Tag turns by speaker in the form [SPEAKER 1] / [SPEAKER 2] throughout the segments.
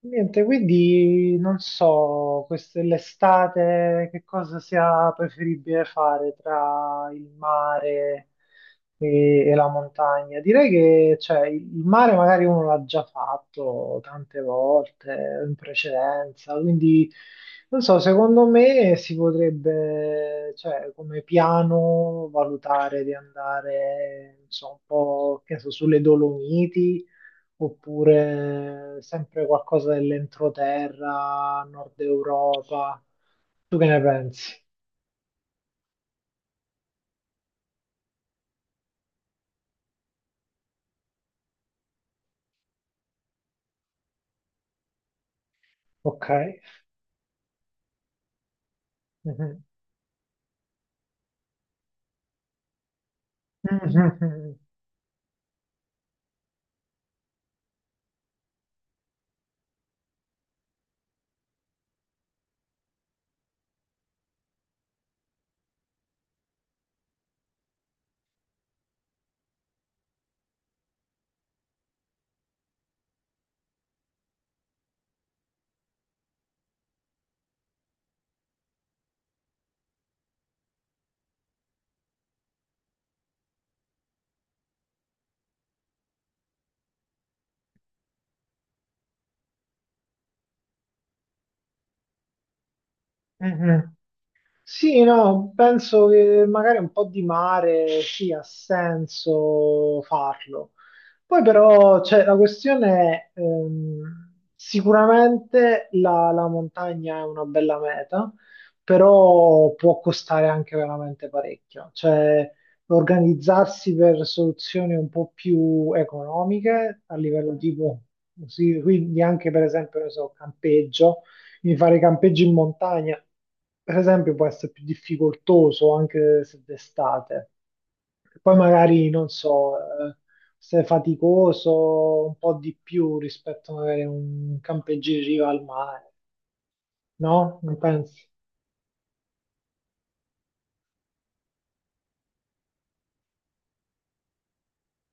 [SPEAKER 1] Niente, quindi non so, l'estate che cosa sia preferibile fare tra il mare e la montagna. Direi che cioè, il mare magari uno l'ha già fatto tante volte in precedenza, quindi non so, secondo me si potrebbe, cioè, come piano valutare di andare, non so, un po', che ne so, sulle Dolomiti oppure sempre qualcosa dell'entroterra, Nord Europa. Tu che ne pensi? Ok. Mhm. Mhm. Mhm. Sì, no, penso che magari un po' di mare sì, ha senso farlo. Poi però cioè, la questione è, sicuramente la montagna è una bella meta, però può costare anche veramente parecchio. Cioè, organizzarsi per soluzioni un po' più economiche a livello tipo, sì, quindi anche per esempio, ne so, campeggio quindi fare campeggi in montagna, per esempio, può essere più difficoltoso anche se d'estate. Poi magari, non so, se è faticoso un po' di più rispetto magari a un campeggio in riva al mare, no? Non pensi?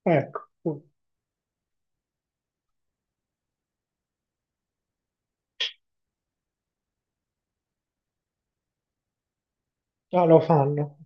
[SPEAKER 1] Ecco, già lo fanno.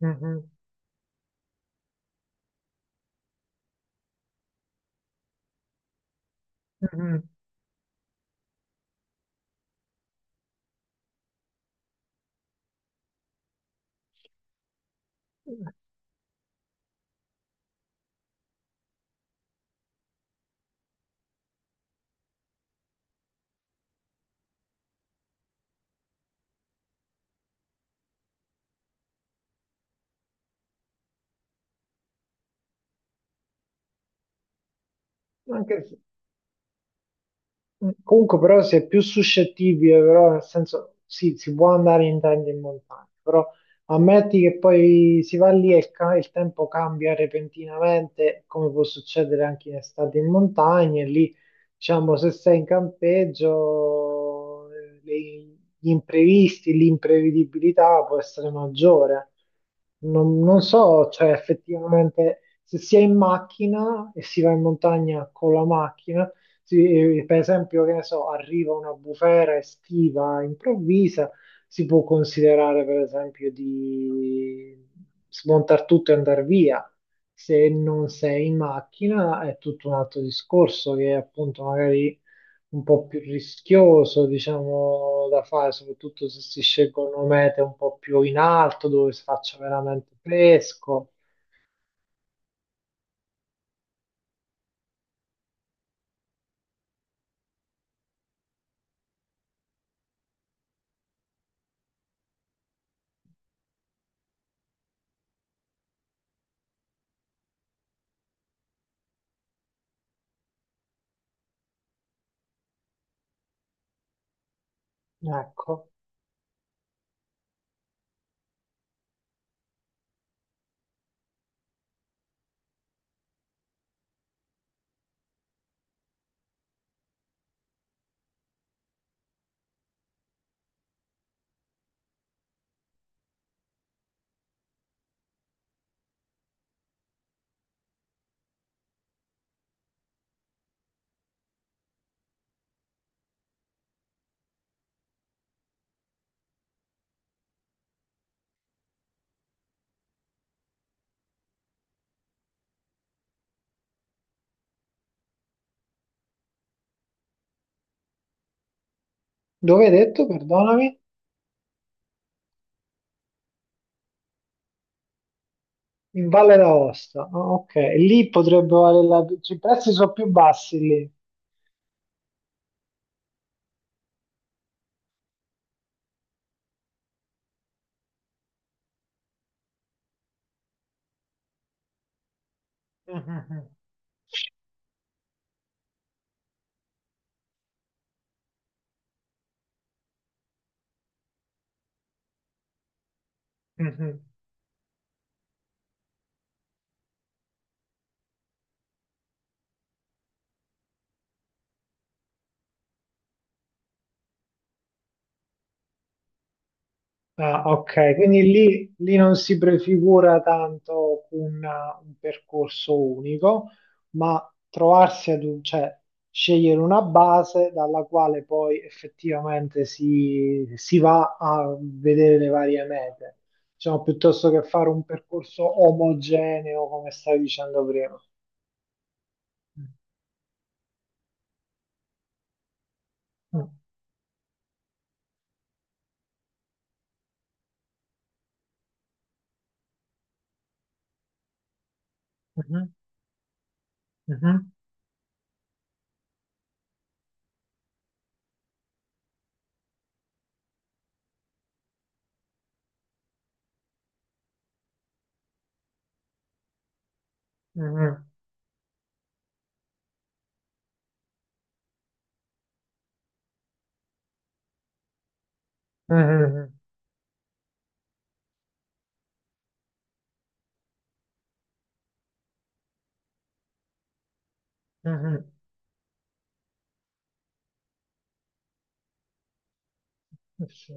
[SPEAKER 1] Mhm, mhm. Mhm. Anche se- Mm, comunque però si è più suscettibile, però nel senso sì, si può andare in tenda in montagna, però ammetti che poi si va lì e il tempo cambia repentinamente, come può succedere anche in estate in montagna, e lì diciamo se sei in campeggio gli imprevisti, l'imprevedibilità può essere maggiore. Non so, cioè effettivamente se si è in macchina e si va in montagna con la macchina, sì, per esempio, che ne so, arriva una bufera estiva improvvisa, si può considerare per esempio di smontare tutto e andare via. Se non sei in macchina è tutto un altro discorso che è appunto magari un po' più rischioso, diciamo, da fare, soprattutto se si scelgono mete un po' più in alto, dove si faccia veramente fresco. Ecco. Dove hai detto, perdonami? In Valle d'Aosta. Ah, ok, lì potrebbe valere la cioè, i prezzi sono più bassi lì. Mhm, mhm. Ah, ok, quindi lì non si prefigura tanto un percorso unico, ma trovarsi ad un, cioè scegliere una base dalla quale poi effettivamente si va a vedere le varie mete, diciamo, piuttosto che fare un percorso omogeneo, come stavi dicendo prima. Mm. Mhm, mhm, mhm, mhm. Sì.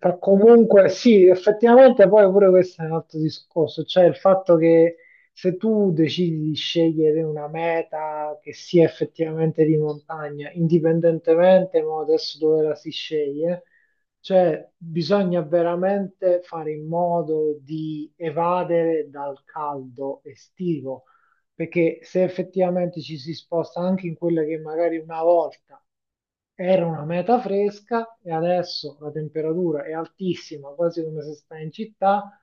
[SPEAKER 1] Fa comunque sì, effettivamente poi pure questo è un altro discorso, cioè il fatto che se tu decidi di scegliere una meta che sia effettivamente di montagna, indipendentemente mo, adesso dove la si sceglie, cioè bisogna veramente fare in modo di evadere dal caldo estivo perché se effettivamente ci si sposta anche in quella che magari una volta era una meta fresca e adesso la temperatura è altissima, quasi come se stai in città.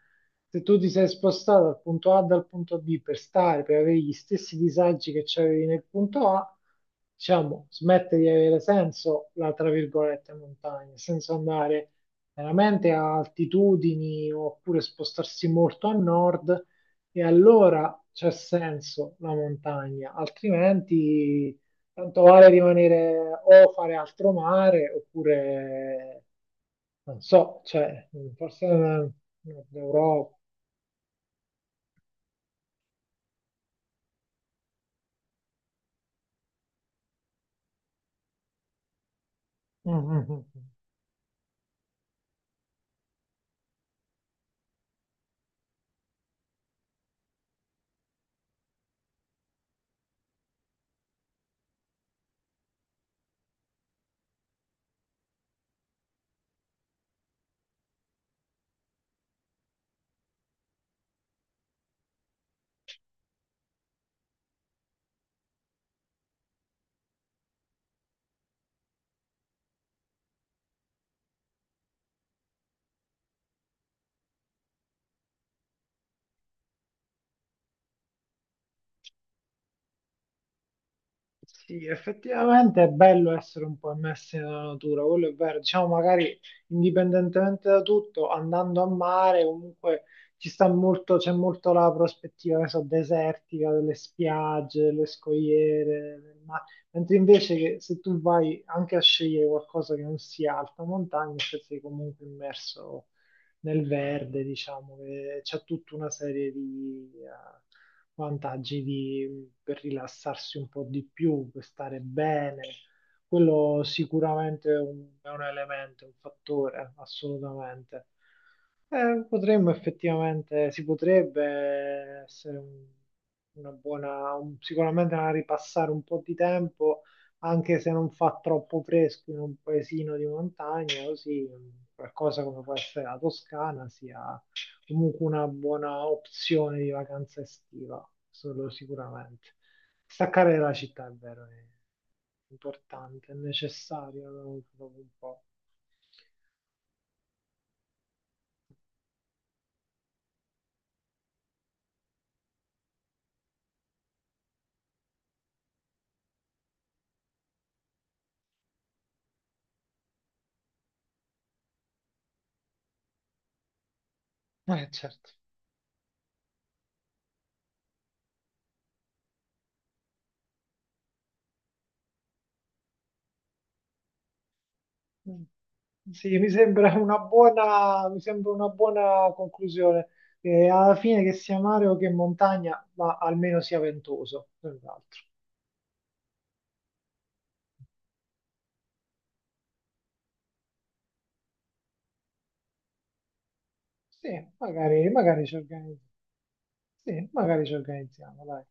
[SPEAKER 1] Se tu ti sei spostato dal punto A dal punto B per stare, per avere gli stessi disagi che c'avevi nel punto A, diciamo, smette di avere senso la, tra virgolette, montagna, senza andare veramente a altitudini oppure spostarsi molto a nord e allora c'è senso la montagna, altrimenti tanto vale rimanere o fare altro mare oppure non so, cioè, forse Nord Europa. Mm, mm, mm. Sì, effettivamente è bello essere un po' immersi nella natura, quello è vero. Diciamo, magari indipendentemente da tutto, andando a mare, comunque ci sta molto, c'è molto la prospettiva, che so, desertica, delle spiagge, delle scogliere, del mare. Mentre invece che se tu vai anche a scegliere qualcosa che non sia alta montagna, cioè sei comunque immerso nel verde, diciamo, che c'è tutta una serie di per rilassarsi un po' di più, per stare bene. Quello sicuramente è un elemento, un fattore, assolutamente. Potremmo effettivamente, si potrebbe sicuramente una ripassare un po' di tempo, anche se non fa troppo fresco in un paesino di montagna, così qualcosa come può essere la Toscana sia comunque una buona opzione di vacanza estiva, solo sicuramente. Staccare dalla città è vero, è importante, è necessario, no? Dopo un po'. Certo. Mm. Sì, mi sembra una buona conclusione. Alla fine che sia mare o che montagna, ma almeno sia ventoso, senz'altro. Sì, magari ci organizziamo. Sì, magari ci organizziamo, dai.